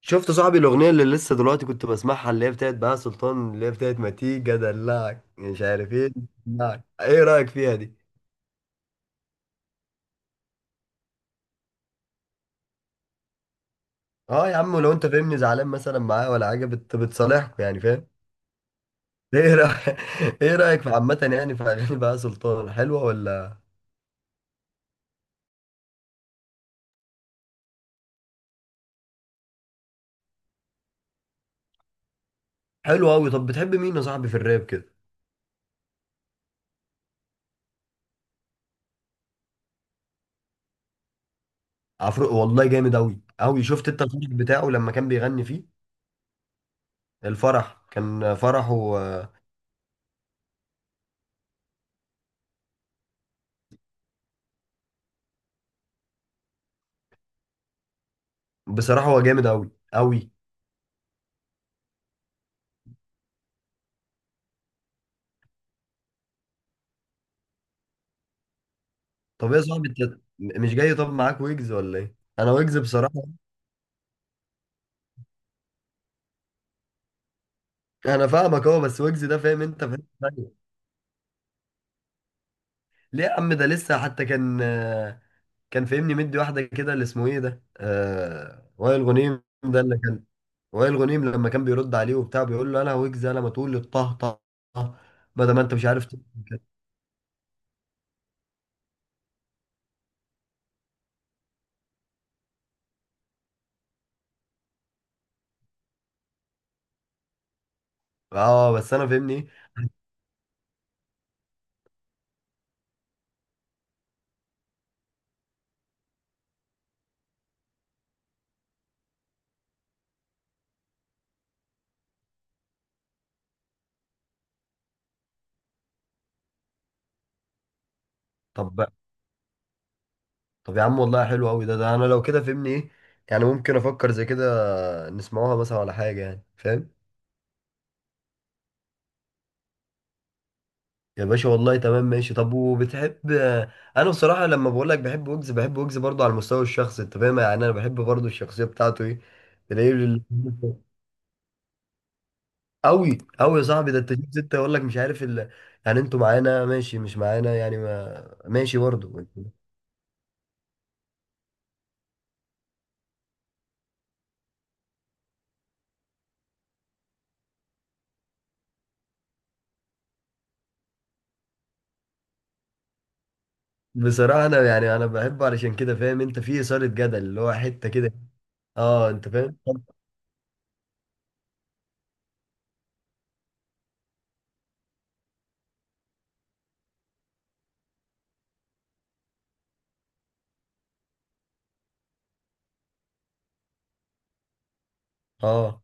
شفت صاحبي الاغنيه اللي لسه دلوقتي كنت بسمعها، اللي هي بتاعت بقى سلطان، اللي هي بتاعت ما تيجي ادلعك مش عارف ايه، أدلعك. ايه رايك فيها دي؟ اه يا عم، ولو انت فاهمني زعلان مثلا معاه ولا حاجه، بتصالحكوا يعني، فاهم؟ ايه رايك ايه رايك في عامه، يعني في اغاني بقى سلطان، حلوه ولا؟ حلوه قوي. طب بتحب مين يا صاحبي في الراب كده؟ عفروق والله، جامد قوي قوي. شفت انت الفرح بتاعه لما كان بيغني فيه؟ الفرح كان فرحه. بصراحه هو جامد قوي قوي. طب ايه يا صاحبي انت، مش جاي؟ طب معاك ويجز ولا ايه؟ انا ويجز بصراحة. انا فاهمك اهو، بس ويجز ده فاهم انت، فاهم ثانية. ليه يا عم؟ ده لسه حتى كان، كان فاهمني مدي واحدة كده، اللي اسمه ايه ده؟ وائل غنيم ده اللي كان، وائل غنيم لما كان بيرد عليه وبتاع، بيقول له انا ويجز، انا ما تقول لي الطه طه طه، بدل ما انت مش عارف تقول كده. اه بس انا فاهمني ايه؟ طب طب يا عم والله حلو قوي، ده انا لو كده فاهمني ايه؟ يعني ممكن افكر زي كده نسمعوها مثلا ولا حاجة يعني، فاهم؟ يا باشا والله تمام، ماشي. طب وبتحب؟ انا بصراحه لما بقول لك بحب ويجز، بحب ويجز برضه على المستوى الشخصي انت فاهم، يعني انا بحب برضه الشخصيه بتاعته، ايه. تلاقيه قوي قوي يا صاحبي. ده انت تجيب سته يقول لك مش عارف يعني انتوا معانا، ماشي، مش معانا، يعني ما ماشي برضه. بصراحه انا يعني انا بحبه علشان كده فاهم، انت في اثاره جدل اللي هو حته كده. اه انت فاهم. اه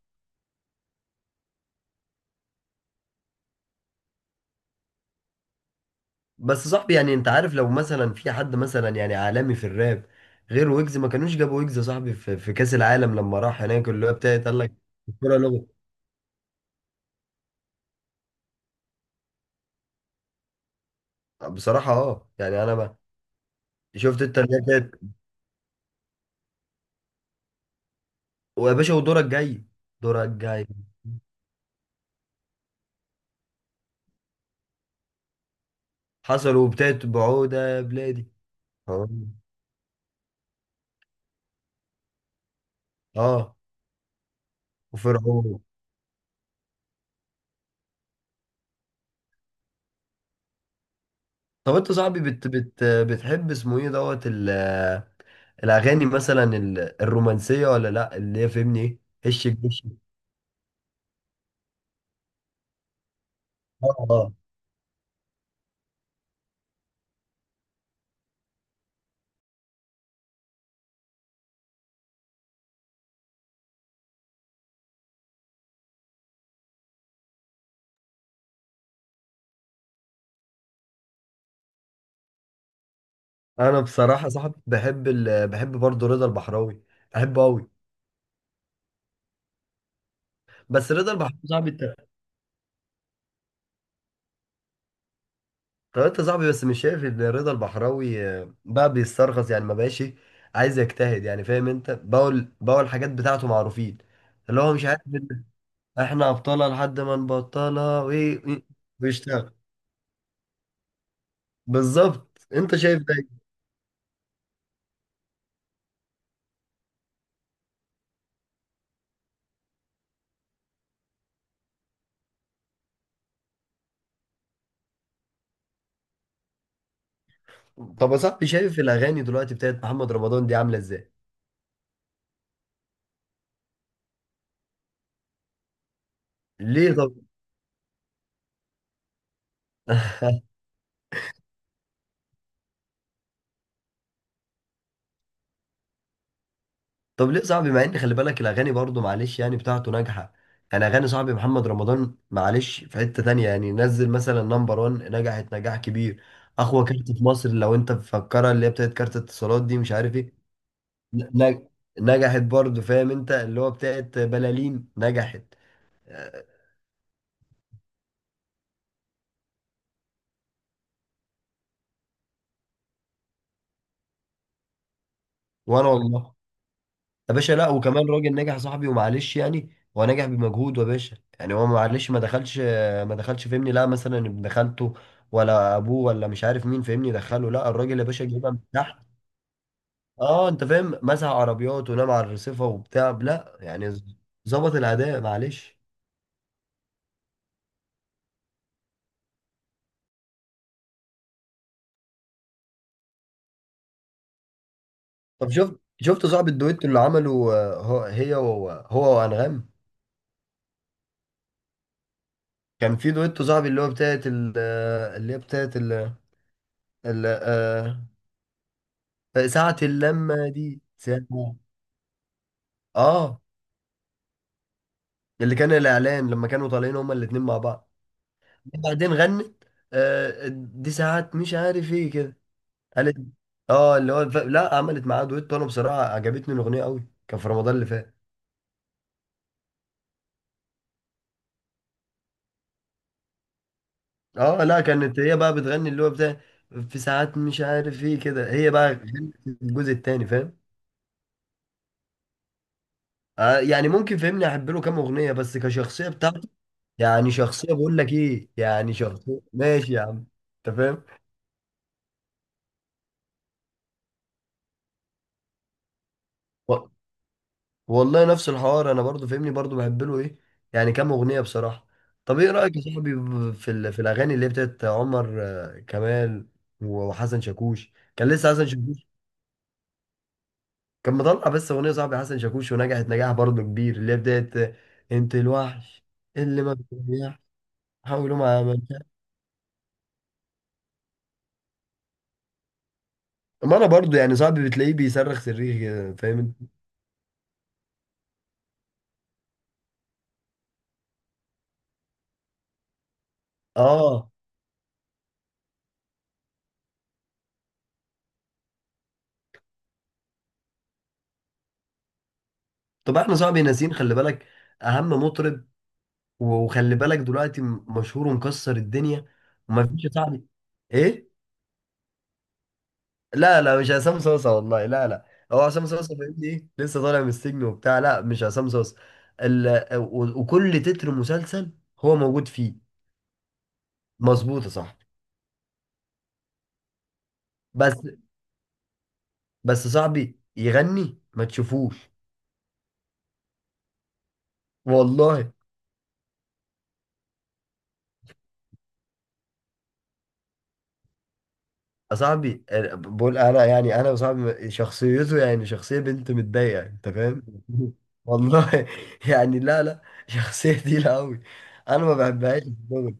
بس صاحبي، يعني انت عارف لو مثلا في حد مثلا يعني عالمي في الراب غير ويجز، ما كانوش جابوا ويجز يا صاحبي في كأس العالم لما راح هناك، اللي هو بتاعت قال لك الكورة لغة. بصراحة اه يعني انا ما... شفت انت اللي هي بتاعت؟ ويا باشا، ودورك جاي، دورك جاي. حصل، وبتاعت بعودة يا بلادي. اه اه، وفرعون. طب انت صاحبي بت بتحب اسمه ايه دوت الاغاني مثلا، الرومانسية ولا لا، اللي هي فهمني ايه، هش الجش؟ اه انا بصراحه صاحب، بحب بحب برضه رضا البحراوي، بحبه قوي. بس رضا البحراوي صاحبي انت. طب انت صاحبي، بس مش شايف ان رضا البحراوي بقى بيسترخص يعني، ما بقاش عايز يجتهد يعني، فاهم انت؟ بقول بقول الحاجات بتاعته معروفين، اللي هو مش عارف إن احنا ابطالها لحد ما نبطلها، وايه إيه، إيه، بيشتغل، بالظبط، انت شايف ده إيه؟ طب يا صاحبي، شايف الاغاني دلوقتي بتاعت محمد رمضان دي عامله ازاي؟ ليه طب؟ طب ليه صاحبي، مع ان خلي بالك الاغاني برضو معلش يعني بتاعته ناجحه، يعني اغاني صاحبي محمد رمضان معلش في حته تانية، يعني نزل مثلا نمبر 1، نجحت نجاح كبير. اقوى كارت في مصر لو انت مفكرها، اللي هي بتاعت كارت اتصالات دي مش عارف ايه. ن- نج- نجحت برضو فاهم انت، اللي هو بتاعت بلالين نجحت. آه، وانا والله، يا باشا لا، وكمان راجل نجح صاحبي ومعلش يعني، هو نجح بمجهوده يا باشا، يعني هو معلش ما دخلش، ما دخلش فهمني لا مثلا ابن خالته، ولا ابوه، ولا مش عارف مين فهمني دخله، لا الراجل يا باشا جايبها من تحت. اه انت فاهم، مسح عربيات ونام على الرصيفه وبتاع، لا يعني ظبط الاداء معلش. طب شفت صاحب الدويتو اللي عمله هو هي وهو هو وانغام؟ كان في دويتو صاحبي اللي هو بتاعت اللي هي بتاعت ال- آه، ساعة اللمة دي ساعة. اه، اللي كان الاعلان لما كانوا طالعين هما الاتنين مع بعض بعدين غنت، آه دي ساعات مش عارف ايه كده، قالت اه اللي هو لا عملت معاه دويتو، انا بصراحه عجبتني الاغنيه قوي، كان في رمضان اللي فات. اه لا، كانت هي بقى بتغني اللي هو بتاع، في ساعات مش عارف ايه كده، هي بقى غنت الجزء التاني فاهم. آه يعني ممكن فهمني احب له كام اغنيه، بس كشخصيه بتاعته، يعني شخصيه بقول لك ايه، يعني شخصيه ماشي يا عم، انت فاهم. والله نفس الحوار، انا برضو فاهمني برضو بحب له ايه، يعني كام اغنيه بصراحه. طب ايه رايك يا صاحبي في الاغاني اللي هي بتاعت عمر كمال، وحسن شاكوش؟ كان لسه حسن شاكوش كان مطلع بس اغنيه صاحبي حسن شاكوش، ونجحت نجاح برضو كبير، اللي هي بتاعت انت الوحش اللي ما بتريحش، حاولوا ما عملتش. ما انا برضو يعني صاحبي بتلاقيه بيصرخ صريخ كده، فاهم انت؟ اه طب احنا صاحبي ناسيين، خلي بالك، اهم مطرب، وخلي بالك دلوقتي مشهور ومكسر الدنيا، ومفيش يا صاحبي، ايه؟ لا لا مش عصام صوصه، والله لا لا، هو عصام صوصه فاهمني ايه لسه طالع من السجن وبتاع، لا مش عصام صوصه. وكل تتر مسلسل هو موجود فيه. مظبوط يا صاحبي. بس بس صاحبي يغني ما تشوفوش. والله صاحبي، أنا بقول انا، يعني انا وصاحبي شخصيته، يعني شخصيه بنت متضايقه انت فاهم. والله يعني، لا لا، شخصيه تقيله قوي، انا ما بحبهاش في الشغل.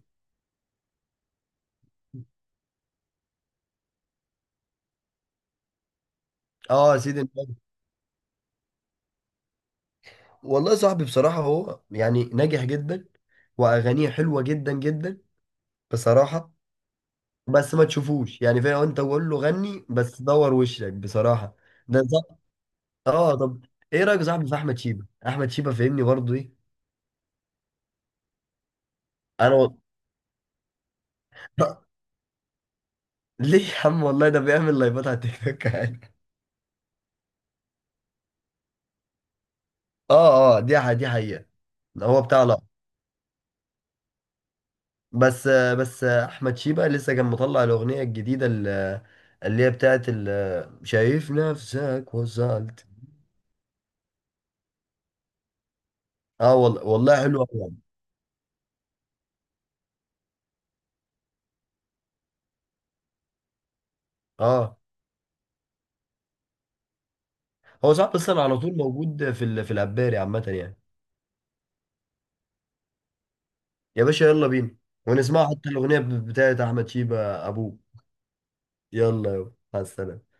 اه يا سيدي النبي. والله صاحبي بصراحه هو يعني ناجح جدا، واغانيه حلوه جدا جدا بصراحه. بس ما تشوفوش، يعني فاهم انت، قول له غني بس دور وشك بصراحه، ده صاحبي. اه طب ايه رايك يا صاحبي في احمد شيبه؟ احمد شيبه فاهمني برضه ايه؟ انا ليه يا عم والله ده بيعمل لايفات على تيك توك عادي. اه اه دي دي حقيقة، هو بتاع لا. بس بس احمد شيبة لسه كان مطلع الاغنية الجديدة اللي هي بتاعت شايف نفسك وصلت. اه والله والله حلو قوي يعني. اه، هو صاحب اصلا على طول موجود في العباري عامة يعني. يا باشا يلا بينا، ونسمع حتى الاغنية بتاعت احمد شيبة ابوه. يلا يلا مع السلامة.